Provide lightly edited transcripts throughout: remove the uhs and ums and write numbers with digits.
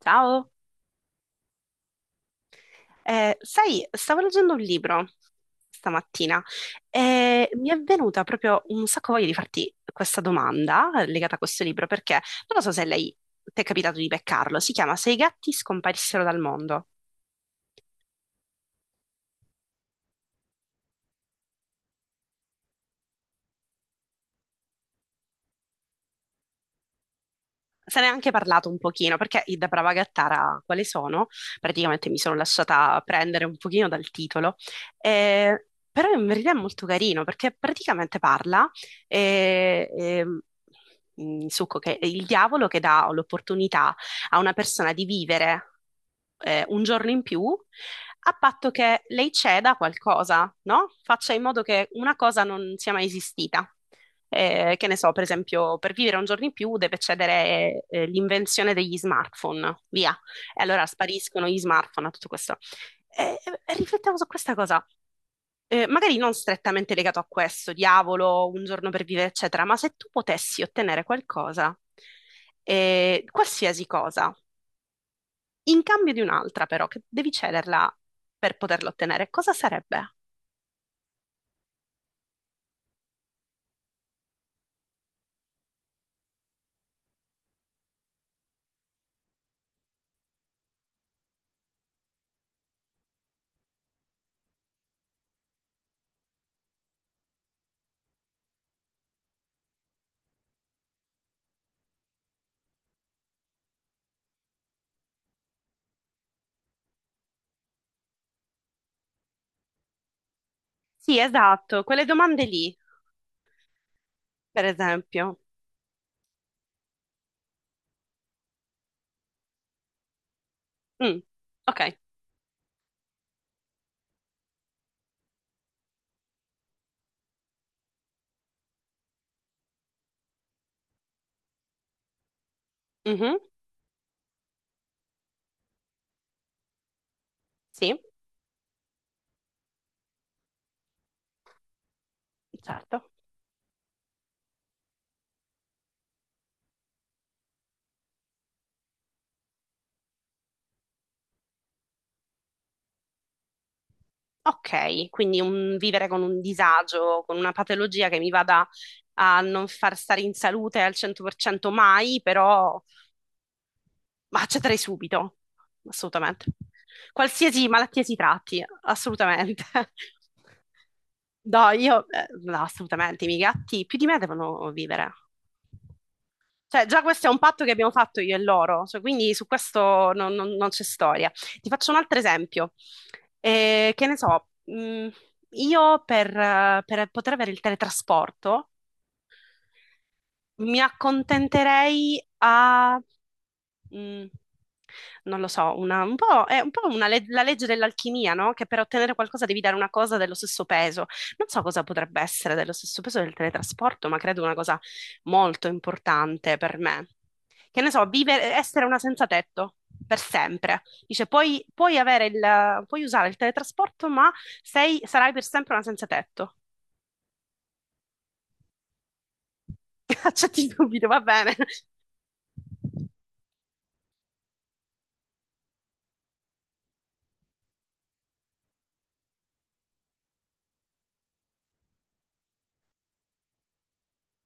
Ciao. Sai, stavo leggendo un libro stamattina e mi è venuta proprio un sacco voglia di farti questa domanda, legata a questo libro, perché non lo so se lei ti è capitato di beccarlo. Si chiama Se i gatti scomparissero dal mondo. Se ne è anche parlato un pochino, perché i Da Brava Gattara quali sono? Praticamente mi sono lasciata prendere un pochino dal titolo, però in verità è molto carino, perché praticamente parla, eh, ehm, in succo, che è il diavolo che dà l'opportunità a una persona di vivere un giorno in più, a patto che lei ceda a qualcosa, no? Faccia in modo che una cosa non sia mai esistita. Che ne so, per esempio, per vivere un giorno in più deve cedere l'invenzione degli smartphone, via. E allora spariscono gli smartphone a tutto questo. E, e riflettevo su questa cosa. Magari non strettamente legato a questo, diavolo, un giorno per vivere, eccetera, ma se tu potessi ottenere qualcosa, qualsiasi cosa, in cambio di un'altra, però, che devi cederla per poterla ottenere, cosa sarebbe? Sì, esatto, quelle domande lì, per esempio. Mm, ok. Mhm. Sì, certo. Ok, quindi un vivere con un disagio, con una patologia che mi vada a non far stare in salute al 100% mai, però ma accetterei subito, assolutamente. Qualsiasi malattia si tratti, assolutamente. No, io, no, assolutamente, i miei gatti più di me devono vivere. Cioè, già questo è un patto che abbiamo fatto io e loro, cioè, quindi su questo non c'è storia. Ti faccio un altro esempio. Che ne so, io per poter avere il teletrasporto. Mi accontenterei, mm, non lo so, un po', è un po' la legge dell'alchimia, no? Che per ottenere qualcosa devi dare una cosa dello stesso peso. Non so cosa potrebbe essere dello stesso peso del teletrasporto, ma credo una cosa molto importante per me. Che ne so, vivere, essere una senza tetto per sempre. Dice, puoi usare il teletrasporto, ma sarai per sempre una senza tetto. Accetti il dubito, va bene.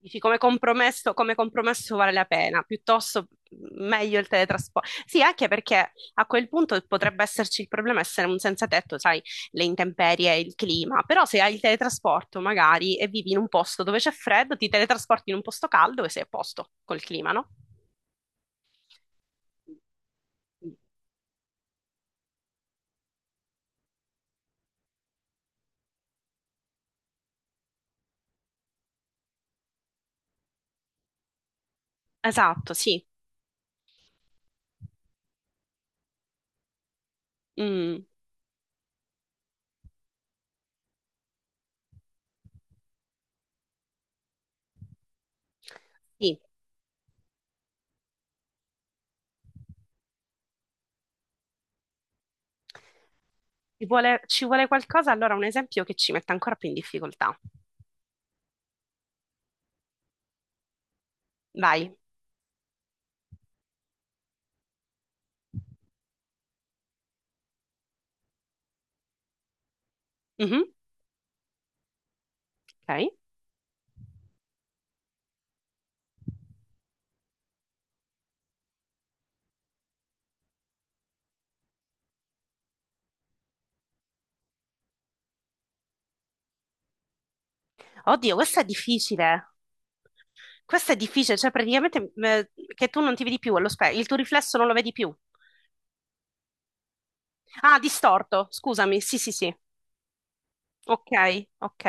Dici, come compromesso vale la pena, piuttosto, meglio il teletrasporto. Sì, anche perché a quel punto potrebbe esserci il problema essere un senza tetto, sai, le intemperie, il clima, però se hai il teletrasporto magari e vivi in un posto dove c'è freddo, ti teletrasporti in un posto caldo e sei a posto col clima, no? Esatto, sì. Mm. Sì. Ci vuole qualcosa, allora un esempio che ci metta ancora più in difficoltà. Vai. Mhm. Ok. Oddio, questa è difficile. Questa è difficile, cioè praticamente, che tu non ti vedi più allo specchio, il tuo riflesso non lo vedi più. Ah, distorto, scusami, sì, sì, sì. Ok, ok.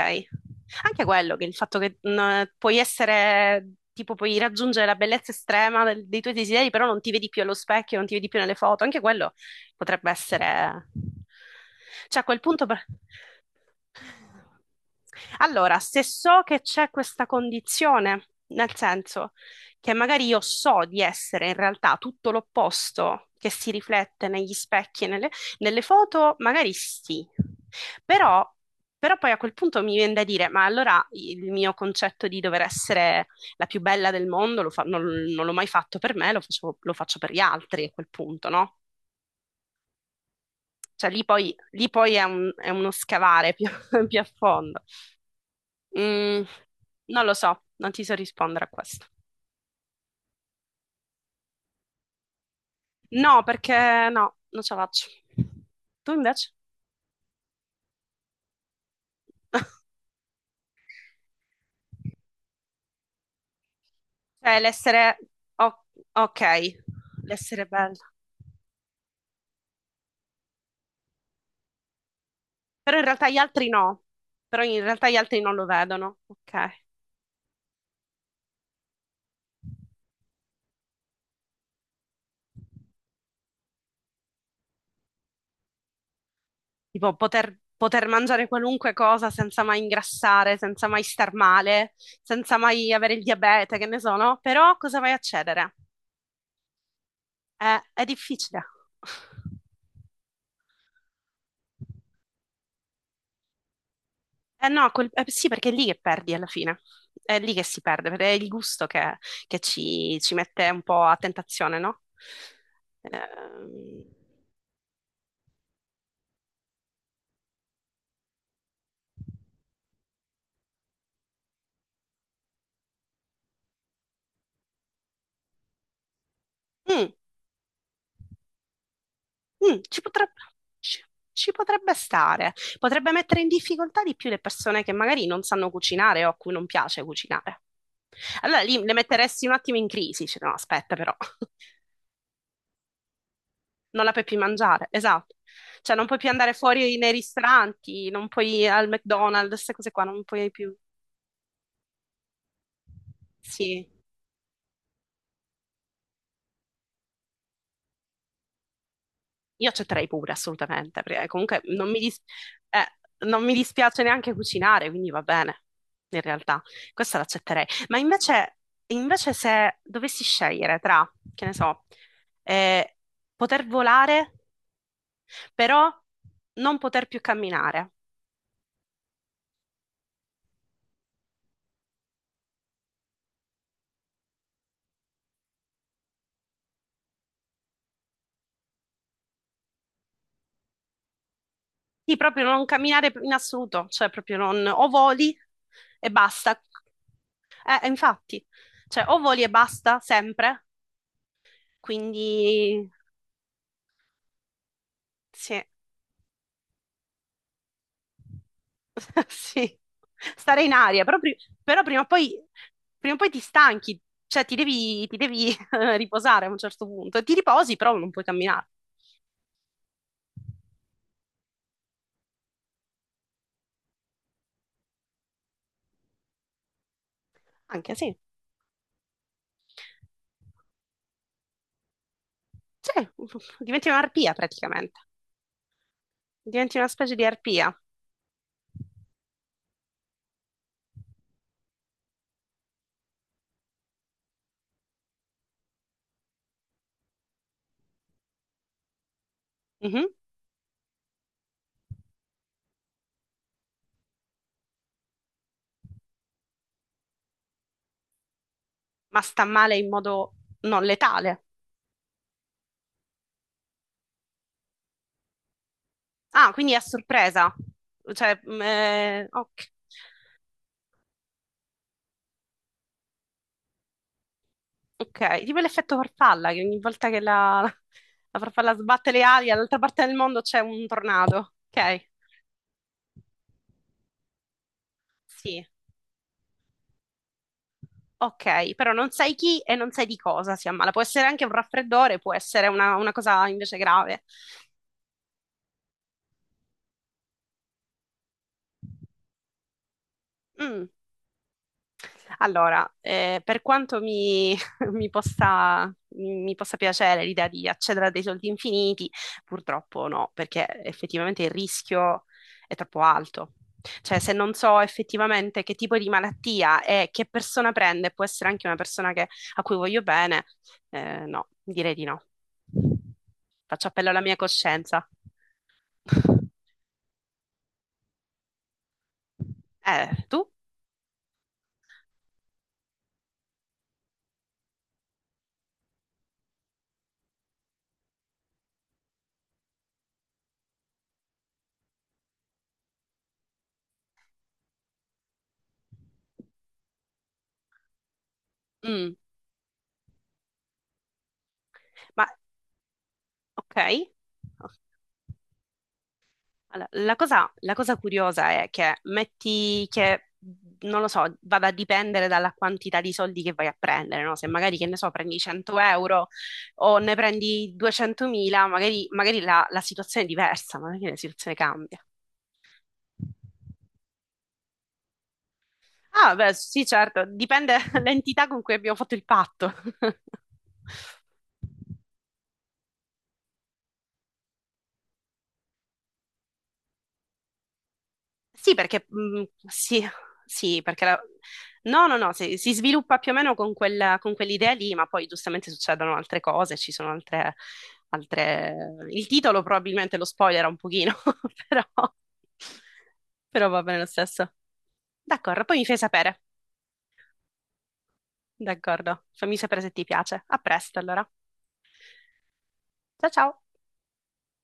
Anche quello, che il fatto che, puoi essere, tipo, puoi raggiungere la bellezza estrema dei tuoi desideri, però non ti vedi più allo specchio, non ti vedi più nelle foto, anche quello potrebbe essere. Cioè, a quel punto. Allora, se so che c'è questa condizione, nel senso che magari io so di essere in realtà tutto l'opposto che si riflette negli specchi e nelle foto, magari sì. Però, però poi a quel punto mi viene da dire, ma allora il mio concetto di dover essere la più bella del mondo non l'ho mai fatto per me, lo faccio per gli altri a quel punto, no? Cioè lì poi è uno scavare più più a fondo. Mm, non lo so, non ti so rispondere a questo. No, perché no, non ce la faccio. Tu invece? Cioè, o- ok, l'essere bella. Però in realtà gli altri no. Però in realtà gli altri non lo vedono. Ok. Tipo poter mangiare qualunque cosa senza mai ingrassare, senza mai star male, senza mai avere il diabete, che ne so, no? Però cosa vai a cedere? È difficile. Eh no, sì, perché è lì che perdi alla fine, è lì che si perde, perché è il gusto che ci mette un po' a tentazione, no? Ehm, mm, mm, ci potrebbe, ci- ci potrebbe stare, potrebbe mettere in difficoltà di più le persone che magari non sanno cucinare o a cui non piace cucinare. Allora lì le metteresti un attimo in crisi, dice, no, aspetta però. Non la puoi più mangiare, esatto. Cioè non puoi più andare fuori nei ristoranti, non puoi al McDonald's, queste cose qua, non puoi più. Sì, io accetterei pure, assolutamente, perché comunque non mi dispiace neanche cucinare, quindi va bene, in realtà, questa l'accetterei. Ma invece se dovessi scegliere tra, che ne so, eh, poter volare, però non poter più camminare. Sì, proprio non camminare in assoluto, cioè proprio non, o voli e basta, infatti, cioè o voli e basta sempre, quindi sì. Sì, stare in aria. Però, però prima o poi ti stanchi, cioè ti devi riposare a un certo punto. Ti riposi, però non puoi camminare. Anche sì, sì. Diventi un'arpia praticamente, diventi una specie di arpia. Mhm. Ma sta male in modo non letale. Ah, quindi è a sorpresa. Cioè, ok. Ok, tipo l'effetto farfalla, che ogni volta che la, la farfalla sbatte le ali, dall'altra parte del mondo c'è un tornado. Ok, sì. Ok, però non sai chi e non sai di cosa si ammala. Può essere anche un raffreddore, può essere una cosa invece grave. Mm, Allora, per quanto mi, mi possa piacere l'idea di accedere a dei soldi infiniti, purtroppo no, perché effettivamente il rischio è troppo alto. Cioè, se non so effettivamente che tipo di malattia e che persona prende, può essere anche una persona a cui voglio bene. Eh, no, direi di no. Faccio appello alla mia coscienza. Tu? Mm, ma ok. Allora, la cosa curiosa è che metti che, non lo so, vada a dipendere dalla quantità di soldi che vai a prendere, no? Se magari, che ne so, prendi 100 euro o ne prendi 200.000, magari la situazione è diversa, magari la situazione cambia. Ah, beh, sì, certo, dipende dall'entità con cui abbiamo fatto il patto. Sì, perché, sì, sì, perché no, no, no, si sviluppa più o meno con quell'idea lì, ma poi giustamente succedono altre cose, ci sono altre, altre. Il titolo probabilmente lo spoilera un pochino, però, però va bene lo stesso. D'accordo, poi mi fai sapere. D'accordo, fammi sapere se ti piace. A presto allora. Ciao, ciao.